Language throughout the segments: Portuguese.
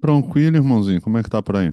Tranquilo, irmãozinho, como é que tá por aí?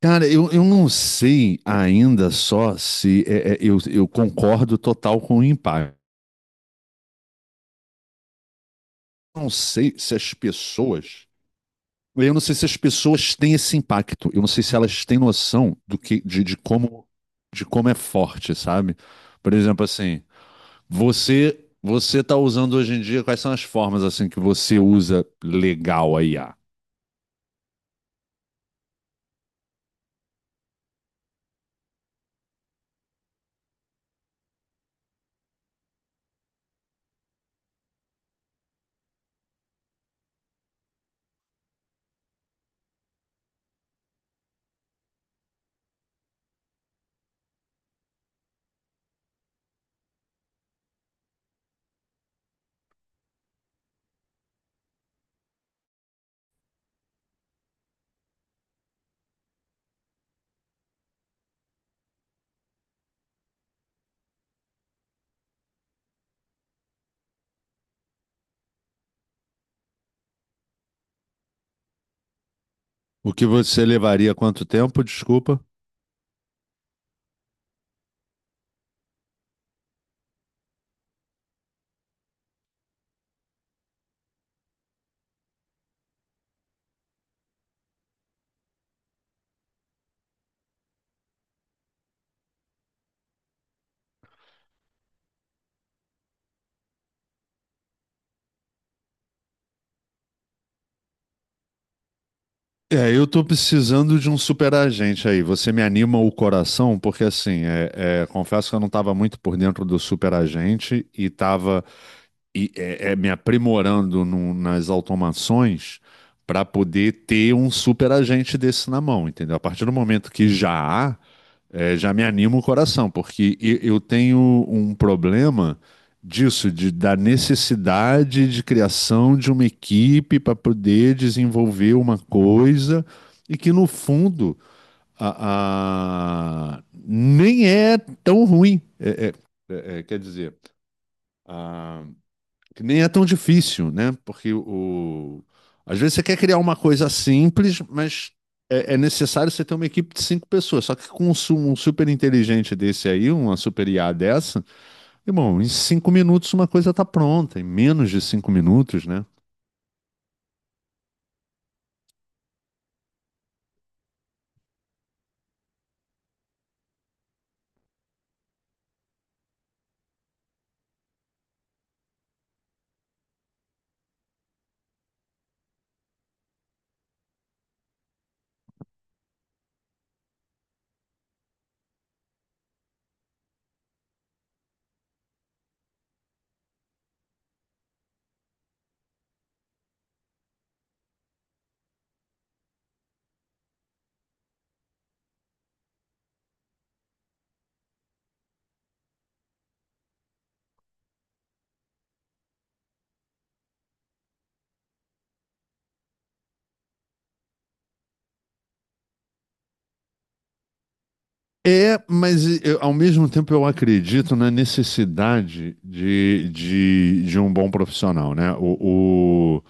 Cara, eu não sei ainda só se é, eu concordo total com o impacto. Eu não sei se as pessoas. Eu não sei se as pessoas têm esse impacto. Eu não sei se elas têm noção do que, de como é forte, sabe? Por exemplo, assim, você você tá usando hoje em dia, quais são as formas assim que você usa legal a IA? O que você levaria quanto tempo? Desculpa. É, eu tô precisando de um super agente aí. Você me anima o coração, porque assim, confesso que eu não estava muito por dentro do super agente e tava me aprimorando nas automações para poder ter um super agente desse na mão, entendeu? A partir do momento que já há, já me anima o coração, porque eu tenho um problema disso, da necessidade de criação de uma equipe para poder desenvolver uma coisa e que, no fundo, nem é tão ruim. Quer dizer, que nem é tão difícil, né? Às vezes você quer criar uma coisa simples, mas é necessário você ter uma equipe de cinco pessoas. Só que com um super inteligente desse aí, uma super IA dessa, irmão, em 5 minutos uma coisa tá pronta, em menos de 5 minutos, né? É, mas ao mesmo tempo eu acredito na necessidade de um bom profissional, né?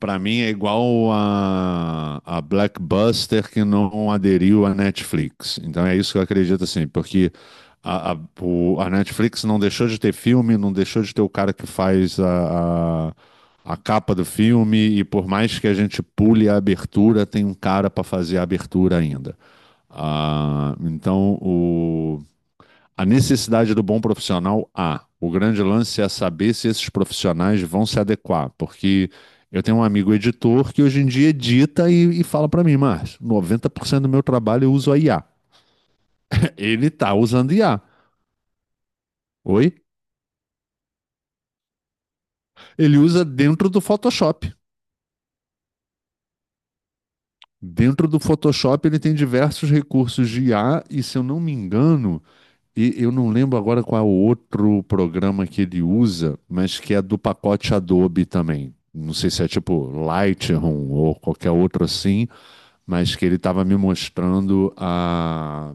Pra mim é igual a Blackbuster que não aderiu à Netflix. Então é isso que eu acredito assim, porque a Netflix não deixou de ter filme, não deixou de ter o cara que faz a capa do filme, e por mais que a gente pule a abertura, tem um cara para fazer a abertura ainda. Ah, então, a necessidade do bom profissional há. O grande lance é saber se esses profissionais vão se adequar, porque eu tenho um amigo editor que hoje em dia edita e fala para mim, mas cento do meu trabalho eu uso a IA. Ele está usando IA. Oi? Ele usa dentro do Photoshop. Dentro do Photoshop ele tem diversos recursos de IA e se eu não me engano, e eu não lembro agora qual é o outro programa que ele usa, mas que é do pacote Adobe também. Não sei se é tipo Lightroom ou qualquer outro assim, mas que ele estava me mostrando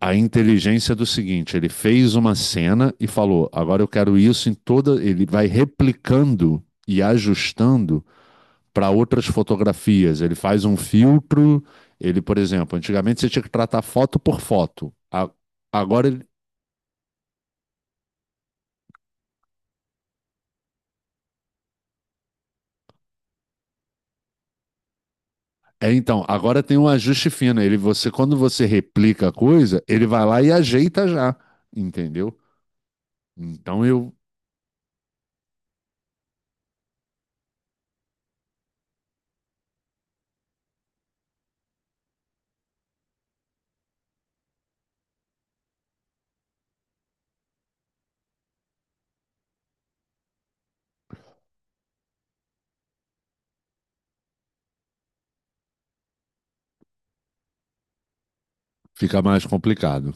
a inteligência do seguinte: ele fez uma cena e falou, agora eu quero isso em toda. Ele vai replicando e ajustando para outras fotografias. Ele faz um filtro. Ele, por exemplo, antigamente você tinha que tratar foto por foto. A- Agora ele É, então, agora tem um ajuste fino. Ele, você, quando você replica a coisa, ele vai lá e ajeita já, entendeu? Então eu fica mais complicado.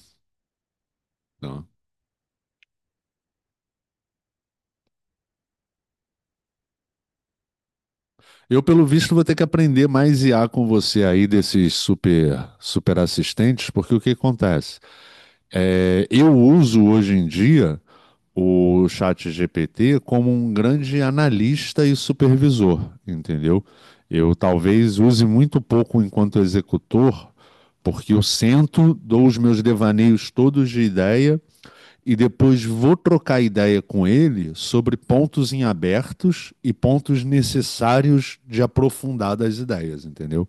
Então, eu, pelo visto, vou ter que aprender mais I a com você aí desses super super assistentes, porque o que acontece? É, eu uso hoje em dia o chat GPT como um grande analista e supervisor, entendeu? Eu talvez use muito pouco enquanto executor, porque eu sento, dou os meus devaneios todos de ideia e depois vou trocar ideia com ele sobre pontos em abertos e pontos necessários de aprofundar das ideias, entendeu?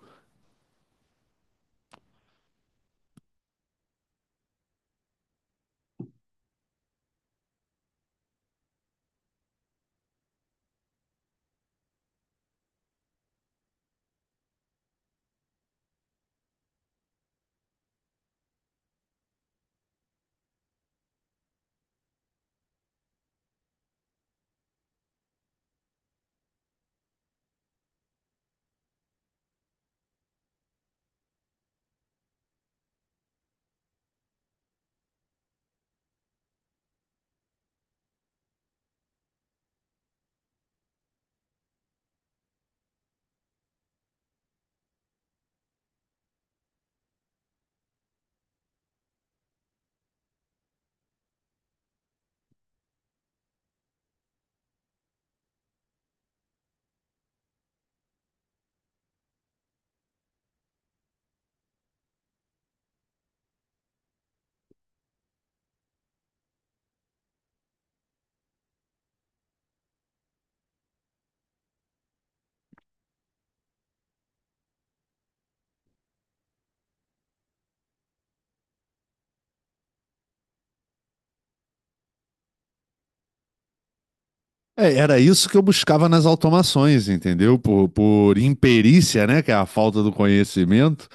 É, era isso que eu buscava nas automações, entendeu? Por imperícia, né? Que é a falta do conhecimento.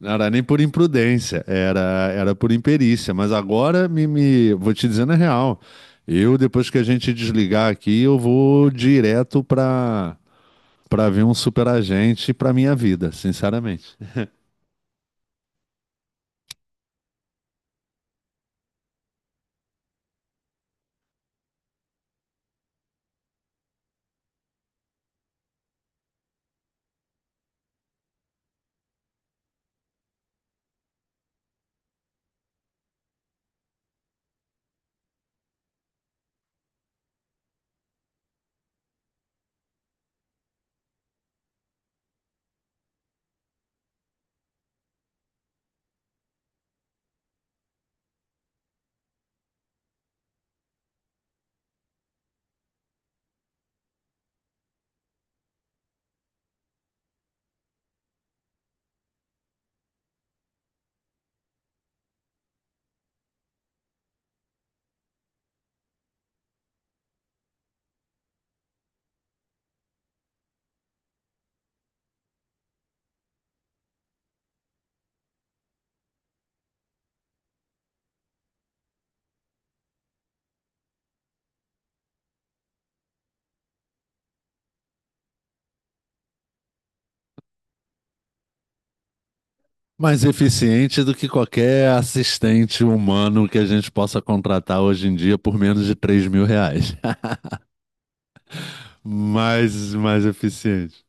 Não era nem por imprudência, era por imperícia. Mas agora me vou te dizendo a real. Eu, depois que a gente desligar aqui, eu vou direto para ver um superagente para minha vida, sinceramente. Mais eficiente do que qualquer assistente humano que a gente possa contratar hoje em dia por menos de R$ 3.000. mais, mais eficiente.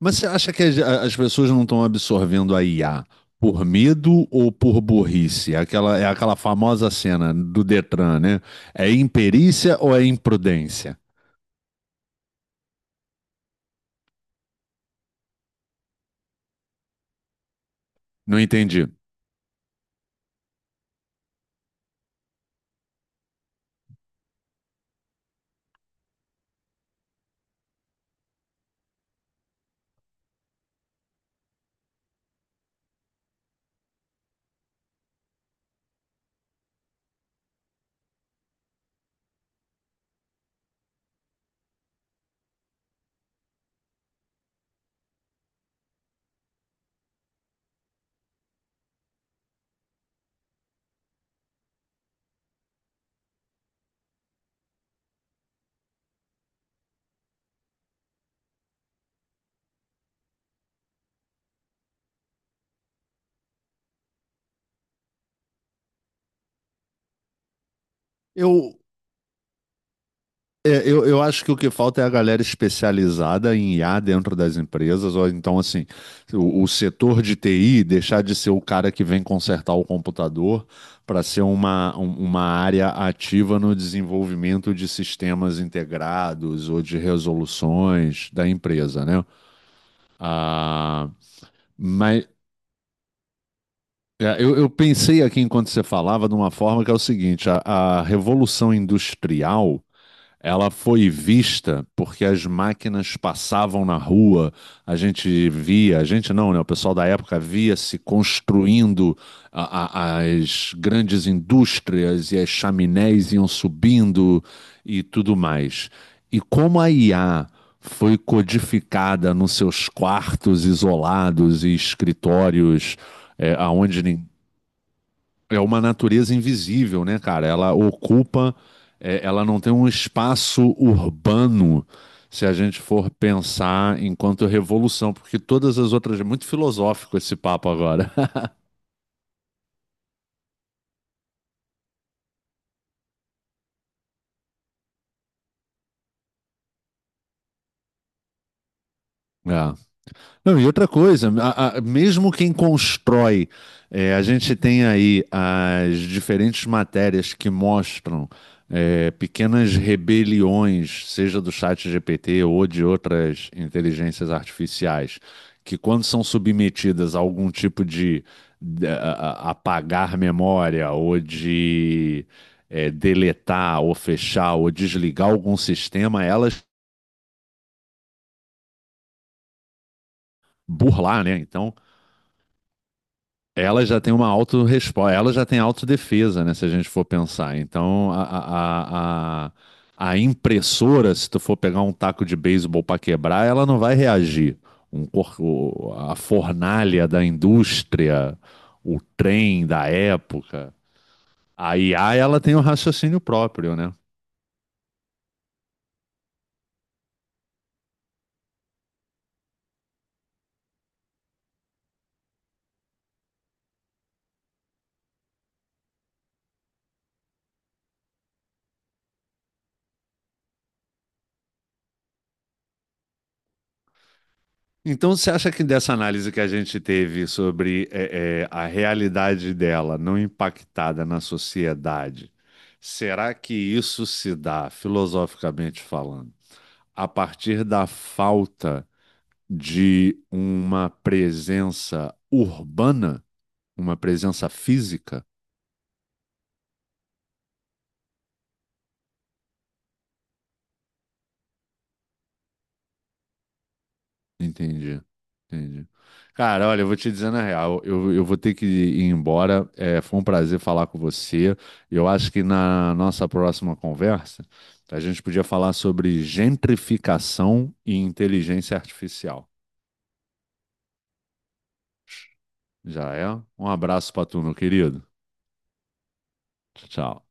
Mas você acha que as, as pessoas não estão absorvendo a IA por medo ou por burrice? Aquela, é aquela famosa cena do Detran, né? É imperícia ou é imprudência? Não entendi. Eu eu acho que o que falta é a galera especializada em IA dentro das empresas, ou então, assim, o setor de TI deixar de ser o cara que vem consertar o computador para ser uma, uma área ativa no desenvolvimento de sistemas integrados ou de resoluções da empresa, né? Ah, mas eu pensei aqui enquanto você falava de uma forma que é o seguinte: a revolução industrial. Ela foi vista porque as máquinas passavam na rua, a gente via, a gente não, né? O pessoal da época via se construindo as grandes indústrias e as chaminés iam subindo e tudo mais. E como a IA foi codificada nos seus quartos isolados e escritórios, é, aonde nin- é uma natureza invisível, né, cara? Ela ocupa, ela não tem um espaço urbano, se a gente for pensar enquanto revolução, porque todas as outras. É muito filosófico esse papo agora. É. Não, e outra coisa, mesmo quem constrói, a gente tem aí as diferentes matérias que mostram pequenas rebeliões, seja do chat GPT ou de outras inteligências artificiais, que quando são submetidas a algum tipo de, de- a- apagar memória ou de deletar ou fechar ou desligar algum sistema, elas burlar, né? Então, ela já tem uma autorresposta, ela já tem autodefesa, né? Se a gente for pensar. Então, a impressora, se tu for pegar um taco de beisebol para quebrar, ela não vai reagir. A fornalha da indústria, o trem da época. A IA, ela tem um raciocínio próprio, né? Então, você acha que dessa análise que a gente teve sobre a realidade dela não impactada na sociedade, será que isso se dá, filosoficamente falando, a partir da falta de uma presença urbana, uma presença física? Entendi, entendi. Cara, olha, eu vou te dizer na real, eu vou ter que ir embora. É, foi um prazer falar com você. Eu acho que na nossa próxima conversa, a gente podia falar sobre gentrificação e inteligência artificial. Já é? Um abraço pra tu, meu querido. Tchau.